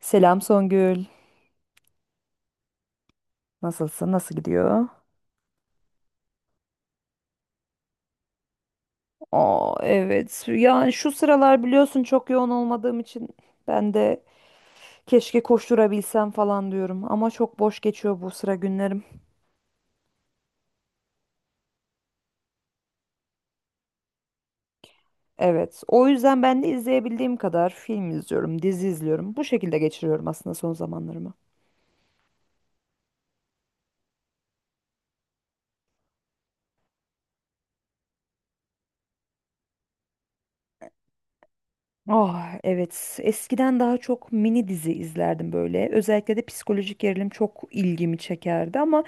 Selam Songül. Nasılsın? Nasıl gidiyor? Aa, evet. Yani şu sıralar biliyorsun çok yoğun olmadığım için ben de keşke koşturabilsem falan diyorum. Ama çok boş geçiyor bu sıra günlerim. Evet. O yüzden ben de izleyebildiğim kadar film izliyorum, dizi izliyorum. Bu şekilde geçiriyorum aslında son zamanlarımı. Ah, evet, eskiden daha çok mini dizi izlerdim, böyle özellikle de psikolojik gerilim çok ilgimi çekerdi, ama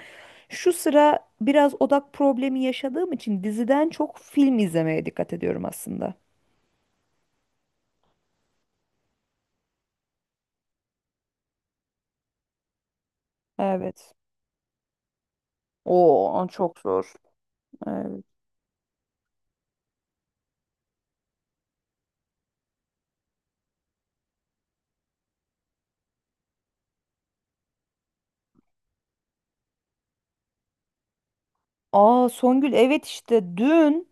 şu sıra biraz odak problemi yaşadığım için diziden çok film izlemeye dikkat ediyorum aslında. Evet. Oo, o çok zor. Evet. Aa, Songül, evet, işte dün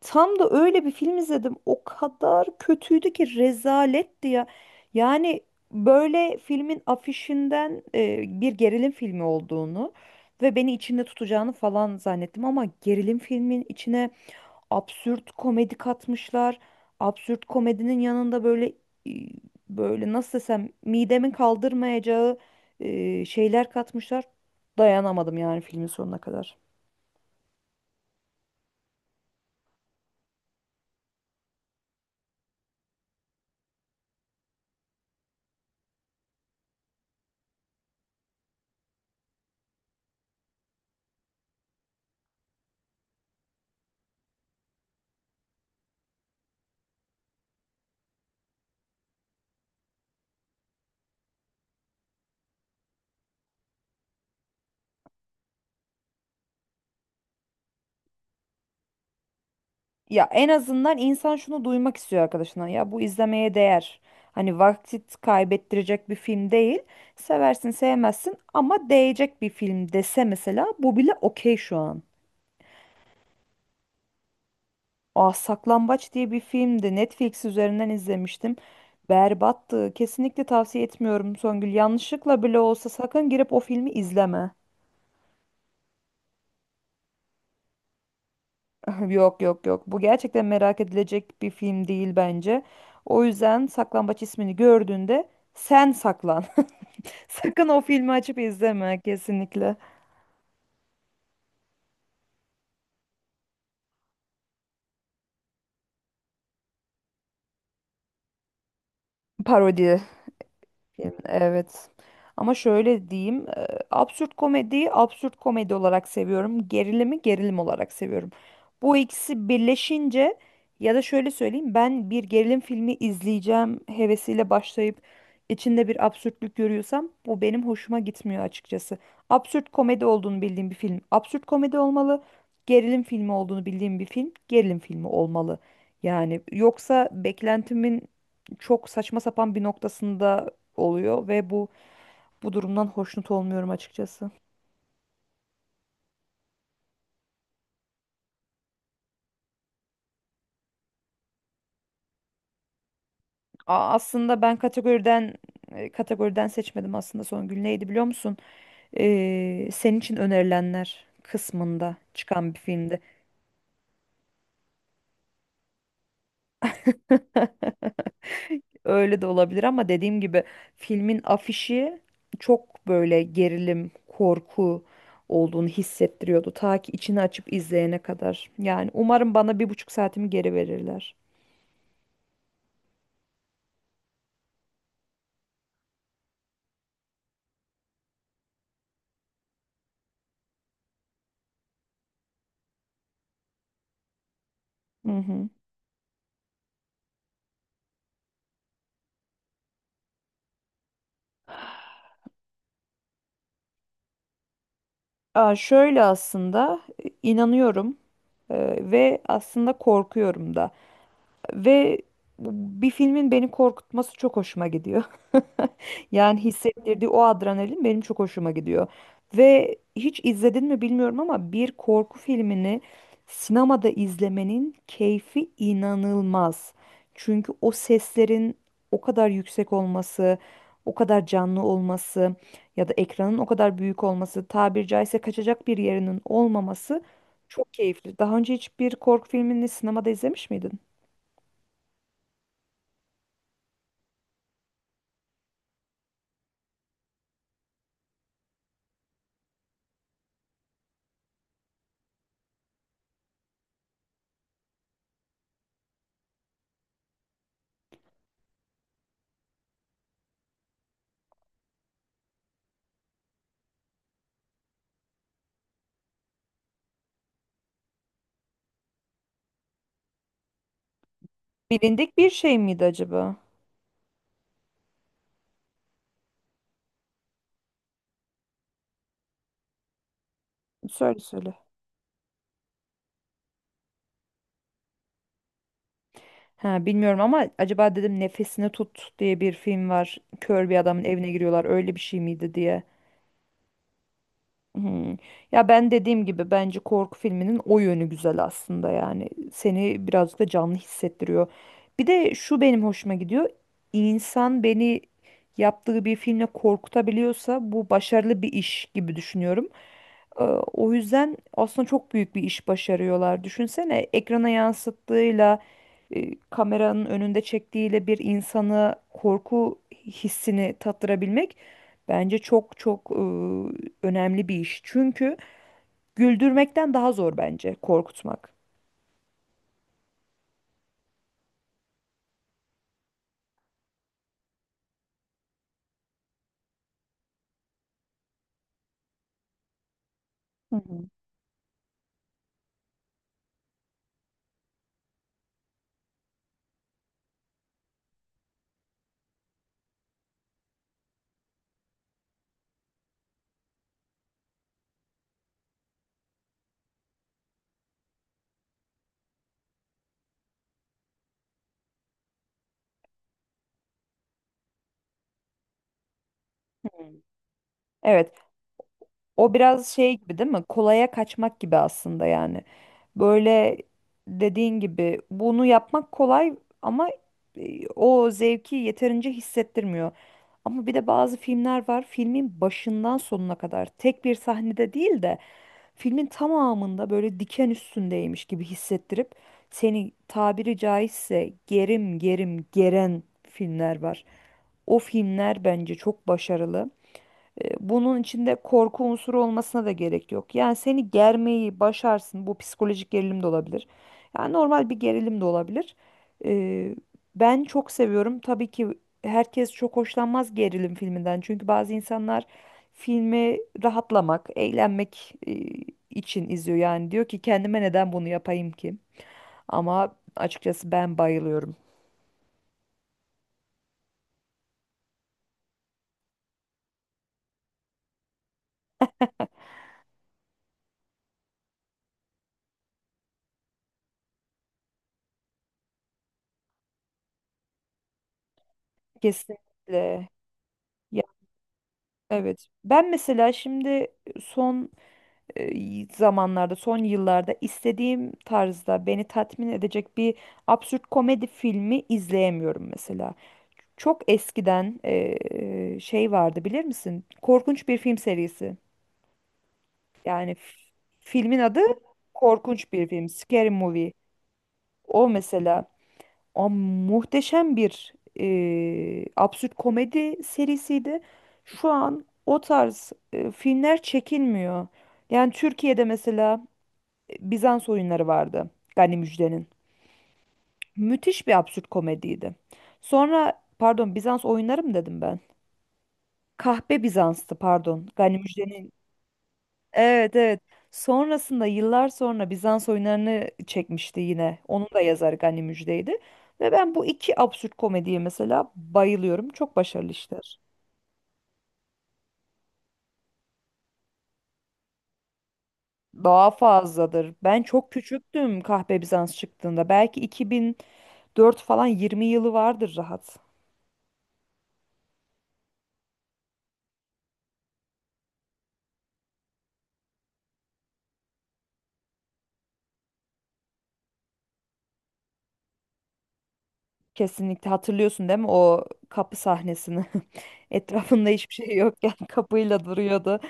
tam da öyle bir film izledim. O kadar kötüydü ki rezaletti ya. Yani böyle filmin afişinden bir gerilim filmi olduğunu ve beni içinde tutacağını falan zannettim, ama gerilim filmin içine absürt komedi katmışlar. Absürt komedinin yanında böyle e, böyle nasıl desem midemin kaldırmayacağı şeyler katmışlar. Dayanamadım yani filmin sonuna kadar. Ya en azından insan şunu duymak istiyor arkadaşına. Ya bu izlemeye değer. Hani vakit kaybettirecek bir film değil. Seversin sevmezsin ama değecek bir film dese mesela bu bile okey şu an. Aa, Saklambaç diye bir filmdi. Netflix üzerinden izlemiştim. Berbattı. Kesinlikle tavsiye etmiyorum Songül. Yanlışlıkla bile olsa sakın girip o filmi izleme. Yok yok yok. Bu gerçekten merak edilecek bir film değil bence. O yüzden Saklambaç ismini gördüğünde sen saklan. Sakın o filmi açıp izleme kesinlikle. Parodi. Film, evet. Ama şöyle diyeyim, absürt komediyi absürt komedi olarak seviyorum. Gerilimi gerilim olarak seviyorum. Bu ikisi birleşince ya da şöyle söyleyeyim, ben bir gerilim filmi izleyeceğim hevesiyle başlayıp içinde bir absürtlük görüyorsam bu benim hoşuma gitmiyor açıkçası. Absürt komedi olduğunu bildiğim bir film absürt komedi olmalı. Gerilim filmi olduğunu bildiğim bir film gerilim filmi olmalı. Yani yoksa beklentimin çok saçma sapan bir noktasında oluyor ve bu durumdan hoşnut olmuyorum açıkçası. Aslında ben kategoriden seçmedim, aslında son gün neydi biliyor musun? Senin için önerilenler kısmında çıkan bir filmdi. Öyle de olabilir ama dediğim gibi filmin afişi çok böyle gerilim, korku olduğunu hissettiriyordu. Ta ki içini açıp izleyene kadar. Yani umarım bana bir buçuk saatimi geri verirler. Hı hı. Aa, şöyle aslında inanıyorum e, ve aslında korkuyorum da. Ve bir filmin beni korkutması çok hoşuma gidiyor. Yani hissettirdiği o adrenalin benim çok hoşuma gidiyor. Ve hiç izledin mi bilmiyorum ama bir korku filmini sinemada izlemenin keyfi inanılmaz. Çünkü o seslerin o kadar yüksek olması, o kadar canlı olması ya da ekranın o kadar büyük olması, tabir caizse kaçacak bir yerinin olmaması çok keyifli. Daha önce hiçbir korku filmini sinemada izlemiş miydin? Bilindik bir şey miydi acaba? Söyle söyle. Ha, bilmiyorum, ama acaba dedim Nefesini Tut diye bir film var. Kör bir adamın evine giriyorlar, öyle bir şey miydi diye. Hmm. Ya ben dediğim gibi bence korku filminin o yönü güzel aslında, yani seni birazcık da canlı hissettiriyor. Bir de şu benim hoşuma gidiyor. İnsan beni yaptığı bir filmle korkutabiliyorsa bu başarılı bir iş gibi düşünüyorum. Ee, O yüzden aslında çok büyük bir iş başarıyorlar. Düşünsene ekrana yansıttığıyla kameranın önünde çektiğiyle bir insanı korku hissini tattırabilmek bence çok çok önemli bir iş. Çünkü güldürmekten daha zor bence korkutmak. Hı hı. Evet. O biraz şey gibi değil mi? Kolaya kaçmak gibi aslında yani. Böyle dediğin gibi bunu yapmak kolay ama o zevki yeterince hissettirmiyor. Ama bir de bazı filmler var. Filmin başından sonuna kadar tek bir sahnede değil de filmin tamamında böyle diken üstündeymiş gibi hissettirip seni tabiri caizse gerim gerim geren filmler var. O filmler bence çok başarılı. Bunun içinde korku unsuru olmasına da gerek yok. Yani seni germeyi başarsın. Bu psikolojik gerilim de olabilir. Yani normal bir gerilim de olabilir. E, ben çok seviyorum. Tabii ki herkes çok hoşlanmaz gerilim filminden. Çünkü bazı insanlar filmi rahatlamak, eğlenmek için izliyor. Yani diyor ki kendime, neden bunu yapayım ki? Ama açıkçası ben bayılıyorum. Kesinlikle. Ya, evet. Ben mesela şimdi son zamanlarda, son yıllarda istediğim tarzda beni tatmin edecek bir absürt komedi filmi izleyemiyorum mesela. Çok eskiden şey vardı, bilir misin? Korkunç bir film serisi. Yani filmin adı Korkunç Bir Film, Scary Movie. O mesela o muhteşem bir absürt komedi serisiydi. Şu an o tarz filmler çekilmiyor. Yani Türkiye'de mesela Bizans Oyunları vardı, Gani Müjde'nin. Müthiş bir absürt komediydi. Sonra pardon, Bizans Oyunları mı dedim ben? Kahpe Bizans'tı pardon. Gani Müjde'nin. Evet evet. Sonrasında yıllar sonra Bizans Oyunları'nı çekmişti yine. Onun da yazarı Gani Müjde'ydi. Ve ben bu iki absürt komediye mesela bayılıyorum. Çok başarılı işler. Daha fazladır. Ben çok küçüktüm Kahpe Bizans çıktığında. Belki 2004 falan, 20 yılı vardır rahat. Kesinlikle hatırlıyorsun değil mi o kapı sahnesini? Etrafında hiçbir şey yokken kapıyla duruyordu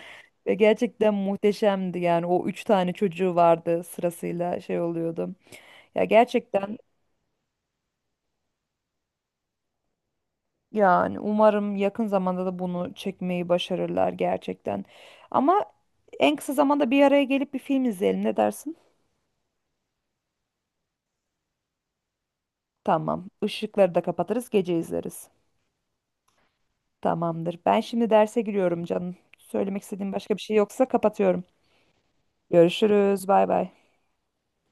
ve gerçekten muhteşemdi, yani o üç tane çocuğu vardı, sırasıyla şey oluyordu. Ya gerçekten, yani umarım yakın zamanda da bunu çekmeyi başarırlar gerçekten. Ama en kısa zamanda bir araya gelip bir film izleyelim, ne dersin? Tamam. Işıkları da kapatırız, gece izleriz. Tamamdır. Ben şimdi derse giriyorum canım. Söylemek istediğim başka bir şey yoksa kapatıyorum. Görüşürüz. Bay bay.